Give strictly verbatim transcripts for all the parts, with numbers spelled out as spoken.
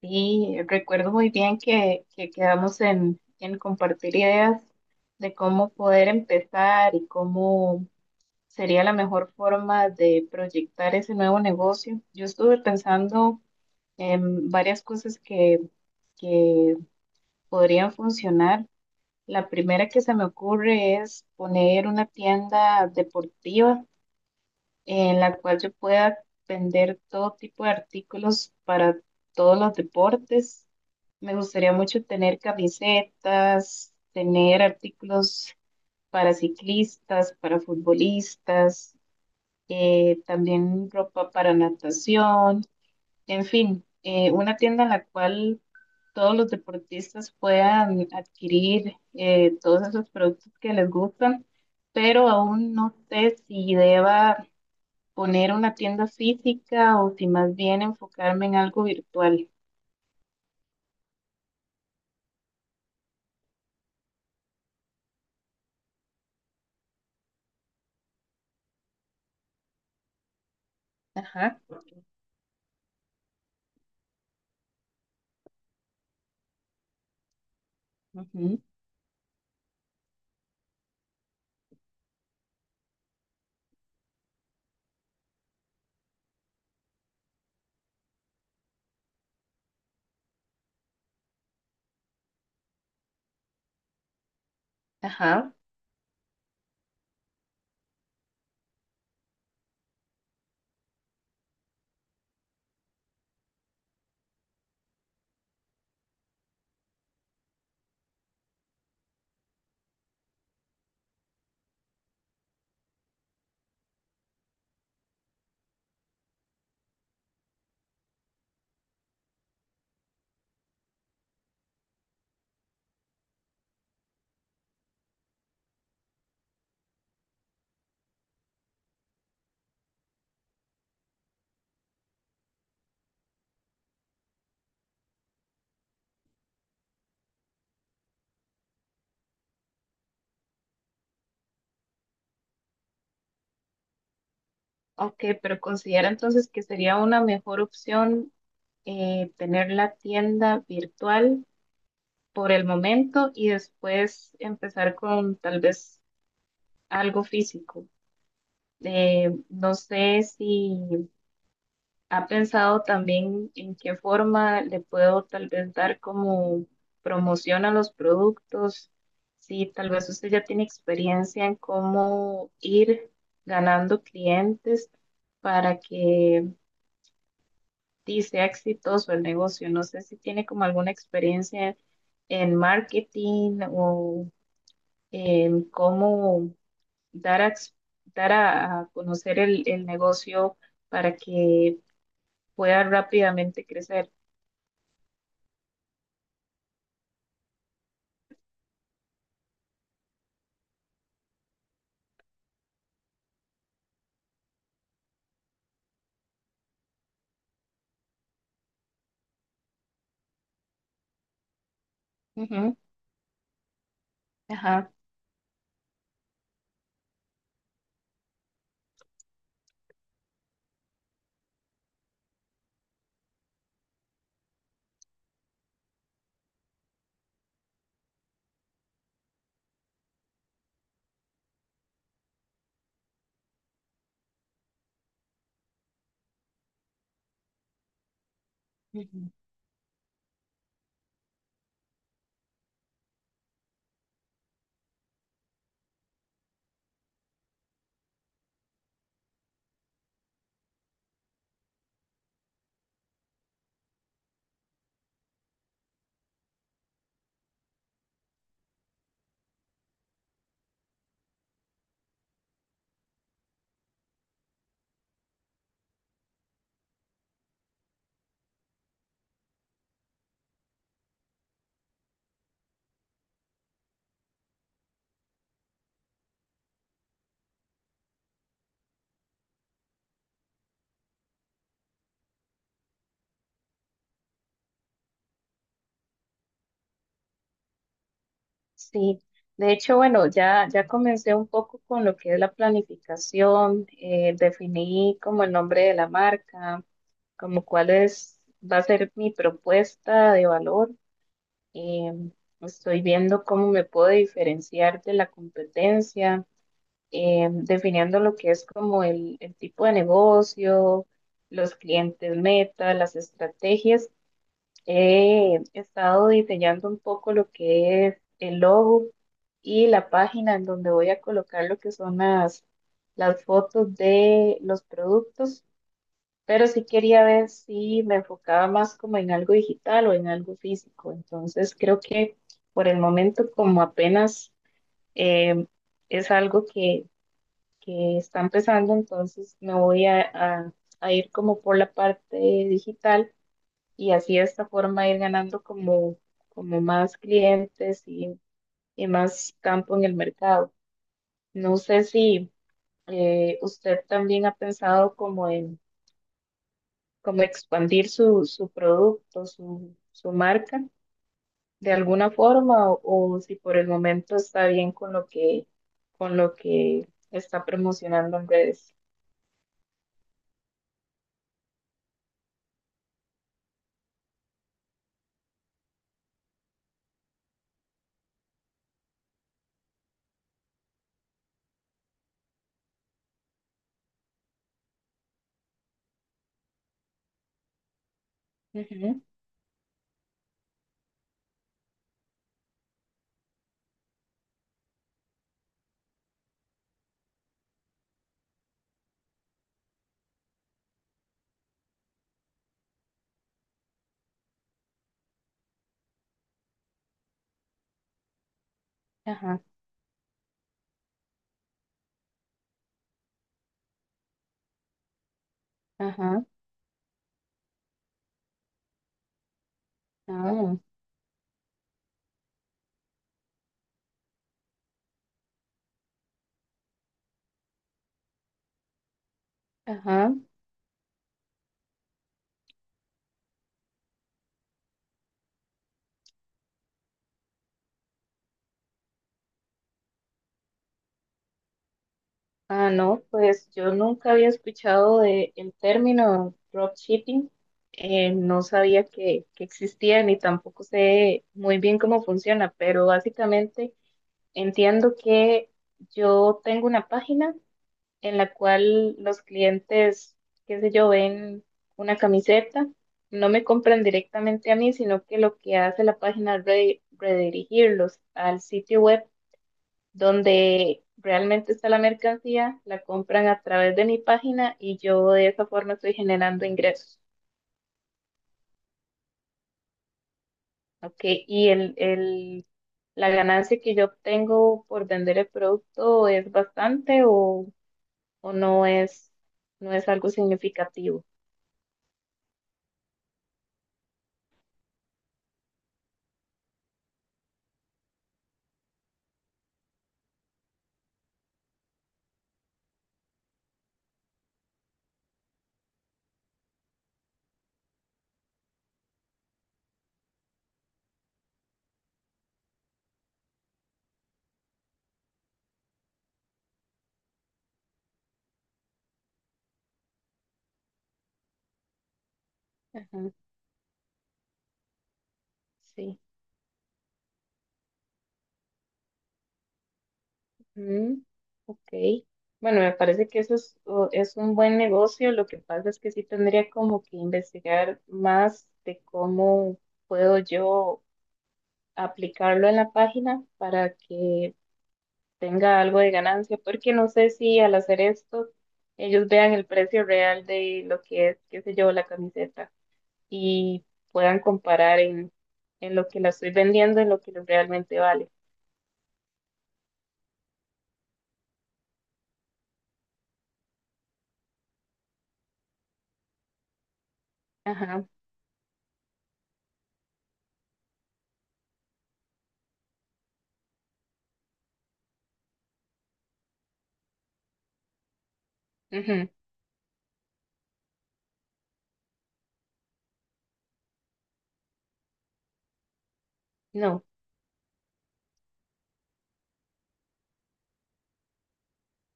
Sí, recuerdo muy bien que, que quedamos en, en compartir ideas de cómo poder empezar y cómo sería la mejor forma de proyectar ese nuevo negocio. Yo estuve pensando en varias cosas que, que podrían funcionar. La primera que se me ocurre es poner una tienda deportiva en la cual yo pueda vender todo tipo de artículos para todos los deportes. Me gustaría mucho tener camisetas, tener artículos para ciclistas, para futbolistas, eh, también ropa para natación, en fin, eh, una tienda en la cual todos los deportistas puedan adquirir eh, todos esos productos que les gustan, pero aún no sé si deba poner una tienda física o si más bien enfocarme en algo virtual. Ajá, ujú, ajá. Ok, pero considera entonces que sería una mejor opción, eh, tener la tienda virtual por el momento y después empezar con tal vez algo físico. Eh, no sé si ¿Ha pensado también en qué forma le puedo tal vez dar como promoción a los productos? Sí, tal vez usted ya tiene experiencia en cómo ir ganando clientes para que sí, sea exitoso el negocio. No sé si tiene como alguna experiencia en marketing o en cómo dar a, ex- dar a a conocer el el negocio para que pueda rápidamente crecer. Ujú, ajá, ujú, sí. De hecho, bueno, ya, ya comencé un poco con lo que es la planificación. Eh, definí como el nombre de la marca, como cuál es, va a ser mi propuesta de valor. em, Estoy viendo cómo me puedo diferenciar de la competencia, em, definiendo lo que es como el, el tipo de negocio, los clientes meta, las estrategias. He estado diseñando un poco lo que es el logo y la página en donde voy a colocar lo que son las, las fotos de los productos, pero sí quería ver si me enfocaba más como en algo digital o en algo físico. Entonces creo que por el momento como apenas eh, es algo que, que está empezando, entonces me voy a, a a ir como por la parte digital y así de esta forma ir ganando como, como más clientes y, y más campo en el mercado. No sé si eh, usted también ha pensado como en como expandir su, su producto, su, su marca de alguna forma o, o si por el momento está bien con lo que, con lo que está promocionando en redes. Ujú, ajá, ajá, ah, ajá. Ah, no, pues yo nunca había escuchado de el término dropshipping. Eh, no sabía que, que existía ni tampoco sé muy bien cómo funciona, pero básicamente entiendo que yo tengo una página en la cual los clientes, qué sé yo, ven una camiseta, no me compran directamente a mí, sino que lo que hace la página es re- redirigirlos al sitio web donde realmente está la mercancía, la compran a través de mi página y yo de esa forma estoy generando ingresos, ¿ok? Y el, el, la ganancia que yo obtengo por vender el producto es bastante o, o no es, no es algo significativo. Ajá, sí. Mm, ok. Bueno, me parece que eso es, o- es un buen negocio. Lo que pasa es que sí tendría como que investigar más de cómo puedo yo aplicarlo en la página para que tenga algo de ganancia, porque no sé si al hacer esto ellos vean el precio real de lo que es, qué sé yo, la camiseta y puedan comparar en, en lo que la estoy vendiendo, en lo que realmente vale. Ajá, ujú, no,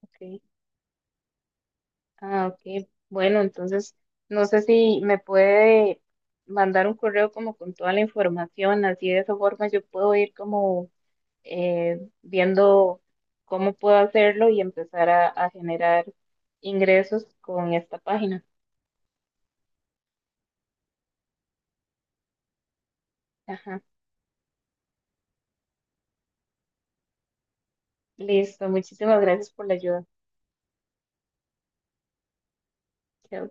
ok. Ah, ok. Bueno, entonces no sé si me puede mandar un correo como con toda la información, así de esa forma yo puedo ir como, eh, viendo cómo puedo hacerlo y empezar a, a generar ingresos con esta página. Ajá. Listo, muchísimas gracias por la ayuda. Chao.